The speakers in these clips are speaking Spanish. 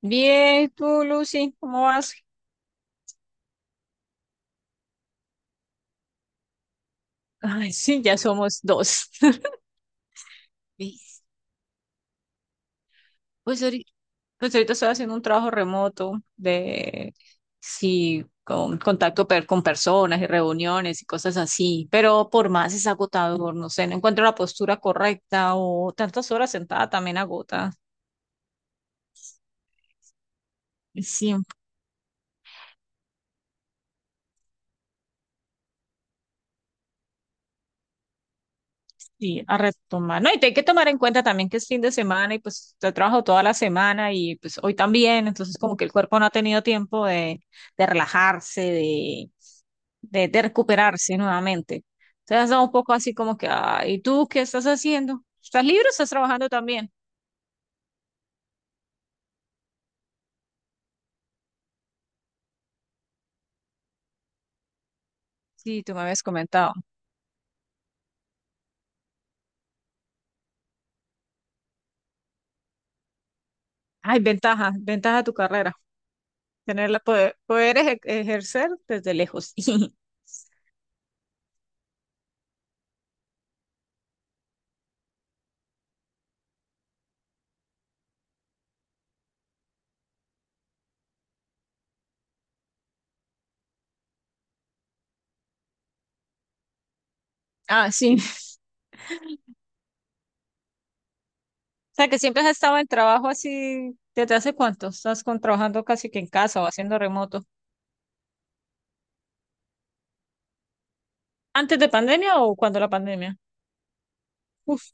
Bien, tú, Lucy, ¿cómo vas? Ay, sí, ya somos dos. ¿Ves? Pues ahorita, pues ahorita estoy haciendo un trabajo remoto de, sí, con con personas y reuniones y cosas así, pero por más es agotador, no sé, no encuentro la postura correcta o tantas horas sentada también agota. Sí. Sí, a retomar. No, y te hay que tomar en cuenta también que es fin de semana y pues te trabajo toda la semana y pues hoy también, entonces como que el cuerpo no ha tenido tiempo de relajarse, de, de recuperarse nuevamente. Entonces da un poco así como que, ah, ¿y tú qué estás haciendo? ¿Estás libre o estás trabajando también? Sí, tú me habías comentado. Ay, ventaja, ventaja de tu carrera, tenerla, poder, ejercer desde lejos. Ah, sí. O sea, que siempre has estado en trabajo así, ¿desde hace cuánto? ¿Estás con, trabajando casi que en casa o haciendo remoto? ¿Antes de pandemia o cuando la pandemia? Uf,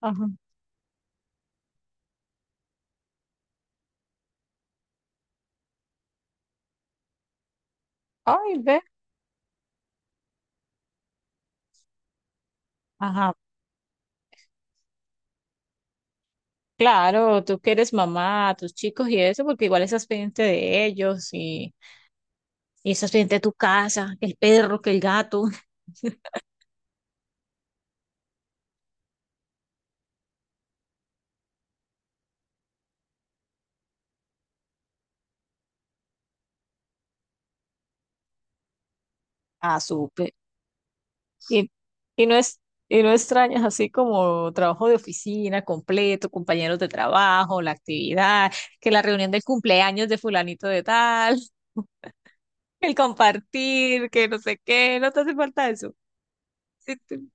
ajá. Ay, ve. Ajá. Claro, tú que eres mamá, tus chicos y eso, porque igual estás pendiente de ellos y estás pendiente de tu casa, que el perro, que el gato. Ah, súper. Y, y no es, y no extrañas así como trabajo de oficina completo, compañeros de trabajo, la actividad, que la reunión del cumpleaños de fulanito de tal. El compartir, que no sé qué, no te hace falta eso. Sí, tú-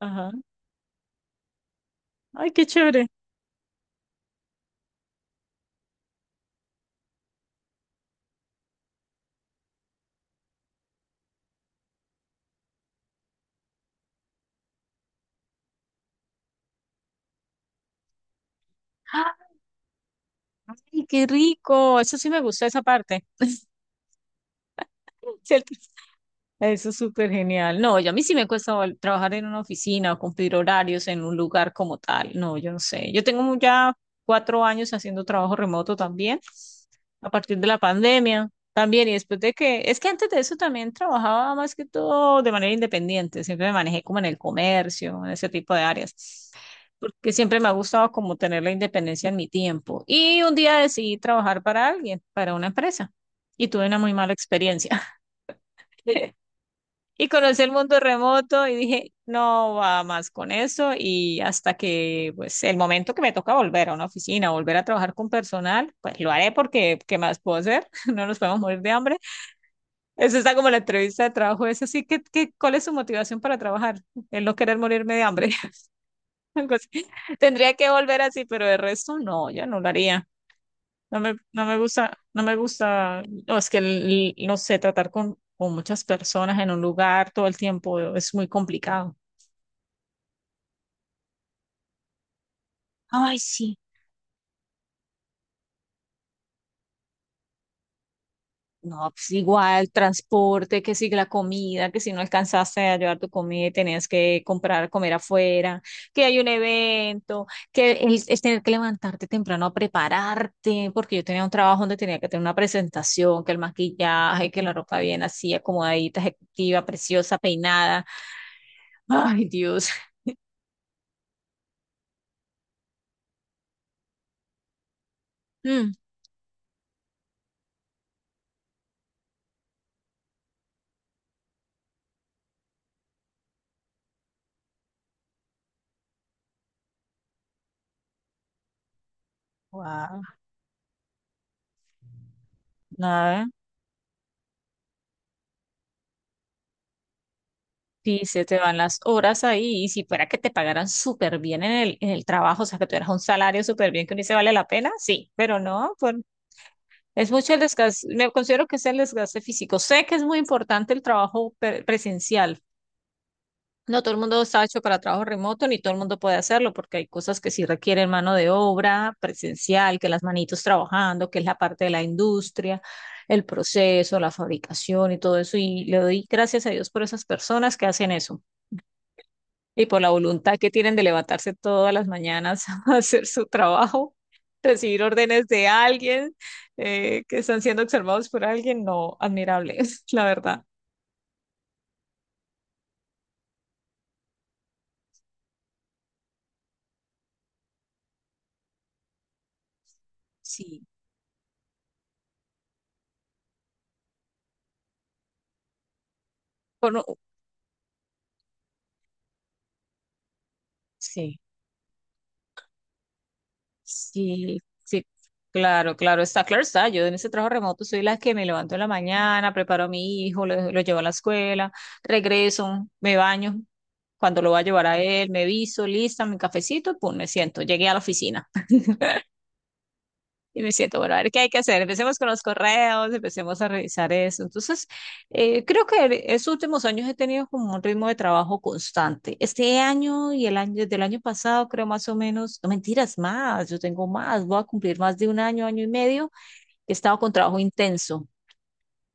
ajá. Ay, qué chévere. ¡Ah! Ay, qué rico. Eso sí me gustó esa parte. ¿Cierto? Eso es súper genial. No, yo a mí sí me cuesta trabajar en una oficina o cumplir horarios en un lugar como tal. No, yo no sé. Ya 4 años haciendo trabajo remoto también, a partir de la pandemia también. Y después de que, es que antes de eso también trabajaba más que todo de manera independiente. Siempre me manejé como en el comercio, en ese tipo de áreas. Porque siempre me ha gustado como tener la independencia en mi tiempo. Y un día decidí trabajar para alguien, para una empresa. Y tuve una muy mala experiencia. Y conocí el mundo remoto y dije, no va más con eso. Y hasta que, pues, el momento que me toca volver a una oficina, volver a trabajar con personal, pues lo haré porque, ¿qué más puedo hacer? No nos podemos morir de hambre. Eso está como la entrevista de trabajo. Es así ¿cuál es su motivación para trabajar? El no querer morirme de hambre. Algo así. Tendría que volver así, pero de resto no, yo no lo haría. No me gusta, no me gusta, no, es que, no sé, tratar con muchas personas en un lugar todo el tiempo es muy complicado. Ay, sí. No, pues igual, transporte, que si la comida, que si no alcanzaste a llevar tu comida y tenías que comprar, comer afuera, que hay un evento, el tener que levantarte temprano a prepararte, porque yo tenía un trabajo donde tenía que tener una presentación, que el maquillaje, que la ropa bien así, acomodadita, ejecutiva, preciosa, peinada. Ay, Dios. Mm. Wow. Sí, se te van las horas ahí y si fuera que te pagaran súper bien en el trabajo, o sea, que tuvieras un salario súper bien que ni se vale la pena, sí, pero no, por- es mucho el desgaste, me considero que es el desgaste físico. Sé que es muy importante el trabajo presencial. No todo el mundo está hecho para trabajo remoto, ni todo el mundo puede hacerlo, porque hay cosas que sí requieren mano de obra presencial, que las manitos trabajando, que es la parte de la industria, el proceso, la fabricación y todo eso. Y le doy gracias a Dios por esas personas que hacen eso y por la voluntad que tienen de levantarse todas las mañanas a hacer su trabajo, recibir órdenes de alguien, que están siendo observados por alguien, no, admirable, la verdad. Sí, por no- sí, sí, sí, claro, claro, está claro, está. Yo en ese trabajo remoto soy la que me levanto en la mañana, preparo a mi hijo, lo llevo a la escuela, regreso, me baño. Cuando lo voy a llevar a él, me visto, lista, mi cafecito, pum, me siento. Llegué a la oficina. Y me siento, bueno, a ver qué hay que hacer. Empecemos con los correos, empecemos a revisar eso. Entonces, creo que en estos últimos años he tenido como un ritmo de trabajo constante. Este año y el año del año pasado, creo más o menos, no mentiras, más, yo tengo más, voy a cumplir más de un año, año y medio. He estado con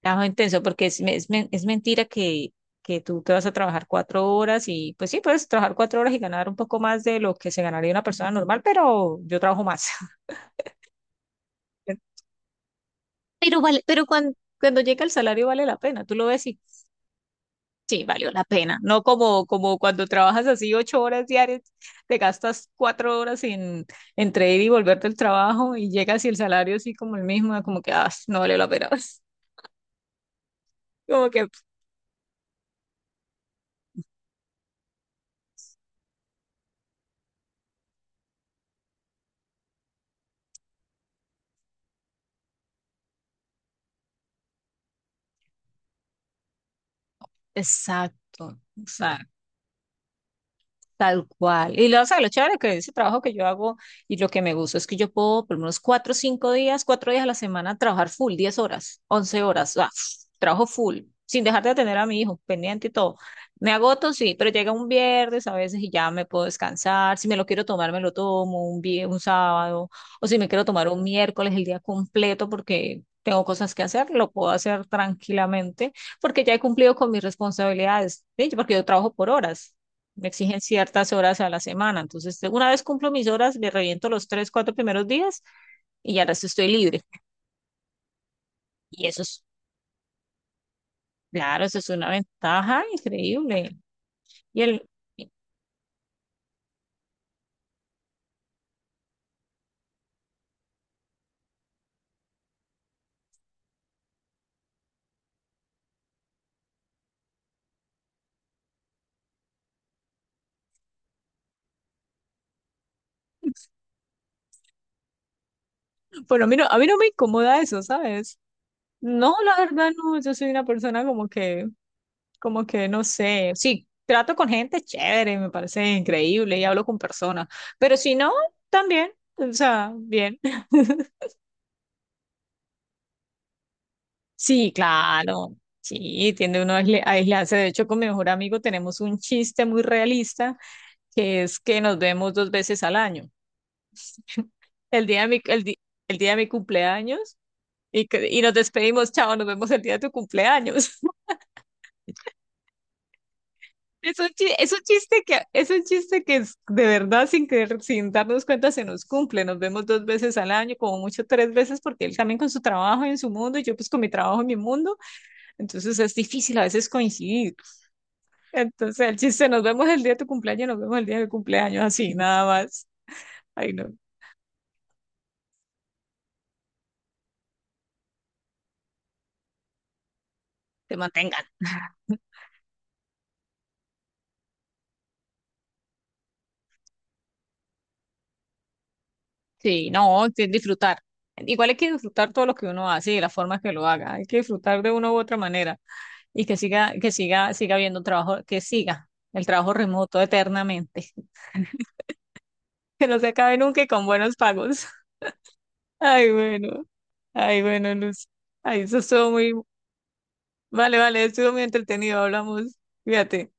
trabajo intenso, porque es, es, es mentira que tú te vas a trabajar 4 horas y pues sí, puedes trabajar 4 horas y ganar un poco más de lo que se ganaría una persona normal, pero yo trabajo más. Pero vale, pero cuando, cuando llega el salario vale la pena, tú lo ves y sí, valió la pena, no como, como cuando trabajas así 8 horas diarias, te gastas 4 horas en, entre ir y volver del trabajo y llegas y el salario así como el mismo, como que ah, no vale la pena, como que exacto, exacto. Tal cual. Y lo, o sea, lo chévere que ese trabajo que yo hago y lo que me gusta es que yo puedo por lo menos 4 o 5 días, 4 días a la semana trabajar full, 10 horas, 11 horas, ah, trabajo full, sin dejar de atender a mi hijo, pendiente y todo. Me agoto, sí, pero llega un viernes a veces y ya me puedo descansar. Si me lo quiero tomar, me lo tomo un un sábado, o si me quiero tomar un miércoles el día completo porque tengo cosas que hacer, lo puedo hacer tranquilamente porque ya he cumplido con mis responsabilidades, ¿sí? Porque yo trabajo por horas, me exigen ciertas horas a la semana. Entonces, de- una vez cumplo mis horas, me reviento los tres, cuatro primeros días y ya el resto estoy libre. Y eso es, claro, eso es una ventaja increíble. Y el, bueno, a mí no me incomoda eso, ¿sabes? No, la verdad no, yo soy una persona como que no sé, sí, trato con gente chévere, me parece increíble y hablo con personas, pero si no, también, o sea, bien. Sí, claro. Sí, tiende uno a a aislarse. De hecho, con mi mejor amigo tenemos un chiste muy realista, que es que nos vemos 2 veces al año. El día de mi, el día de mi cumpleaños y, y nos despedimos, chao, nos vemos el día de tu cumpleaños. Es un, es un chiste que es de verdad, sin querer, sin darnos cuenta, se nos cumple. Nos vemos dos veces al año, como mucho 3 veces, porque él también con su trabajo y en su mundo, y yo pues con mi trabajo en mi mundo. Entonces es difícil a veces coincidir. Entonces, el chiste, nos vemos el día de tu cumpleaños, nos vemos el día de mi cumpleaños, así, nada más. Ay, no. Te mantengan. Sí, no, sí, disfrutar. Igual hay que disfrutar todo lo que uno hace y de la forma que lo haga. Hay que disfrutar de una u otra manera y que siga, siga habiendo trabajo, que siga el trabajo remoto eternamente. Que no se acabe nunca y con buenos pagos. Ay, bueno. Ay, bueno, Luz. Ay, eso estuvo muy, vale, vale, estuvo muy entretenido. Hablamos. Fíjate.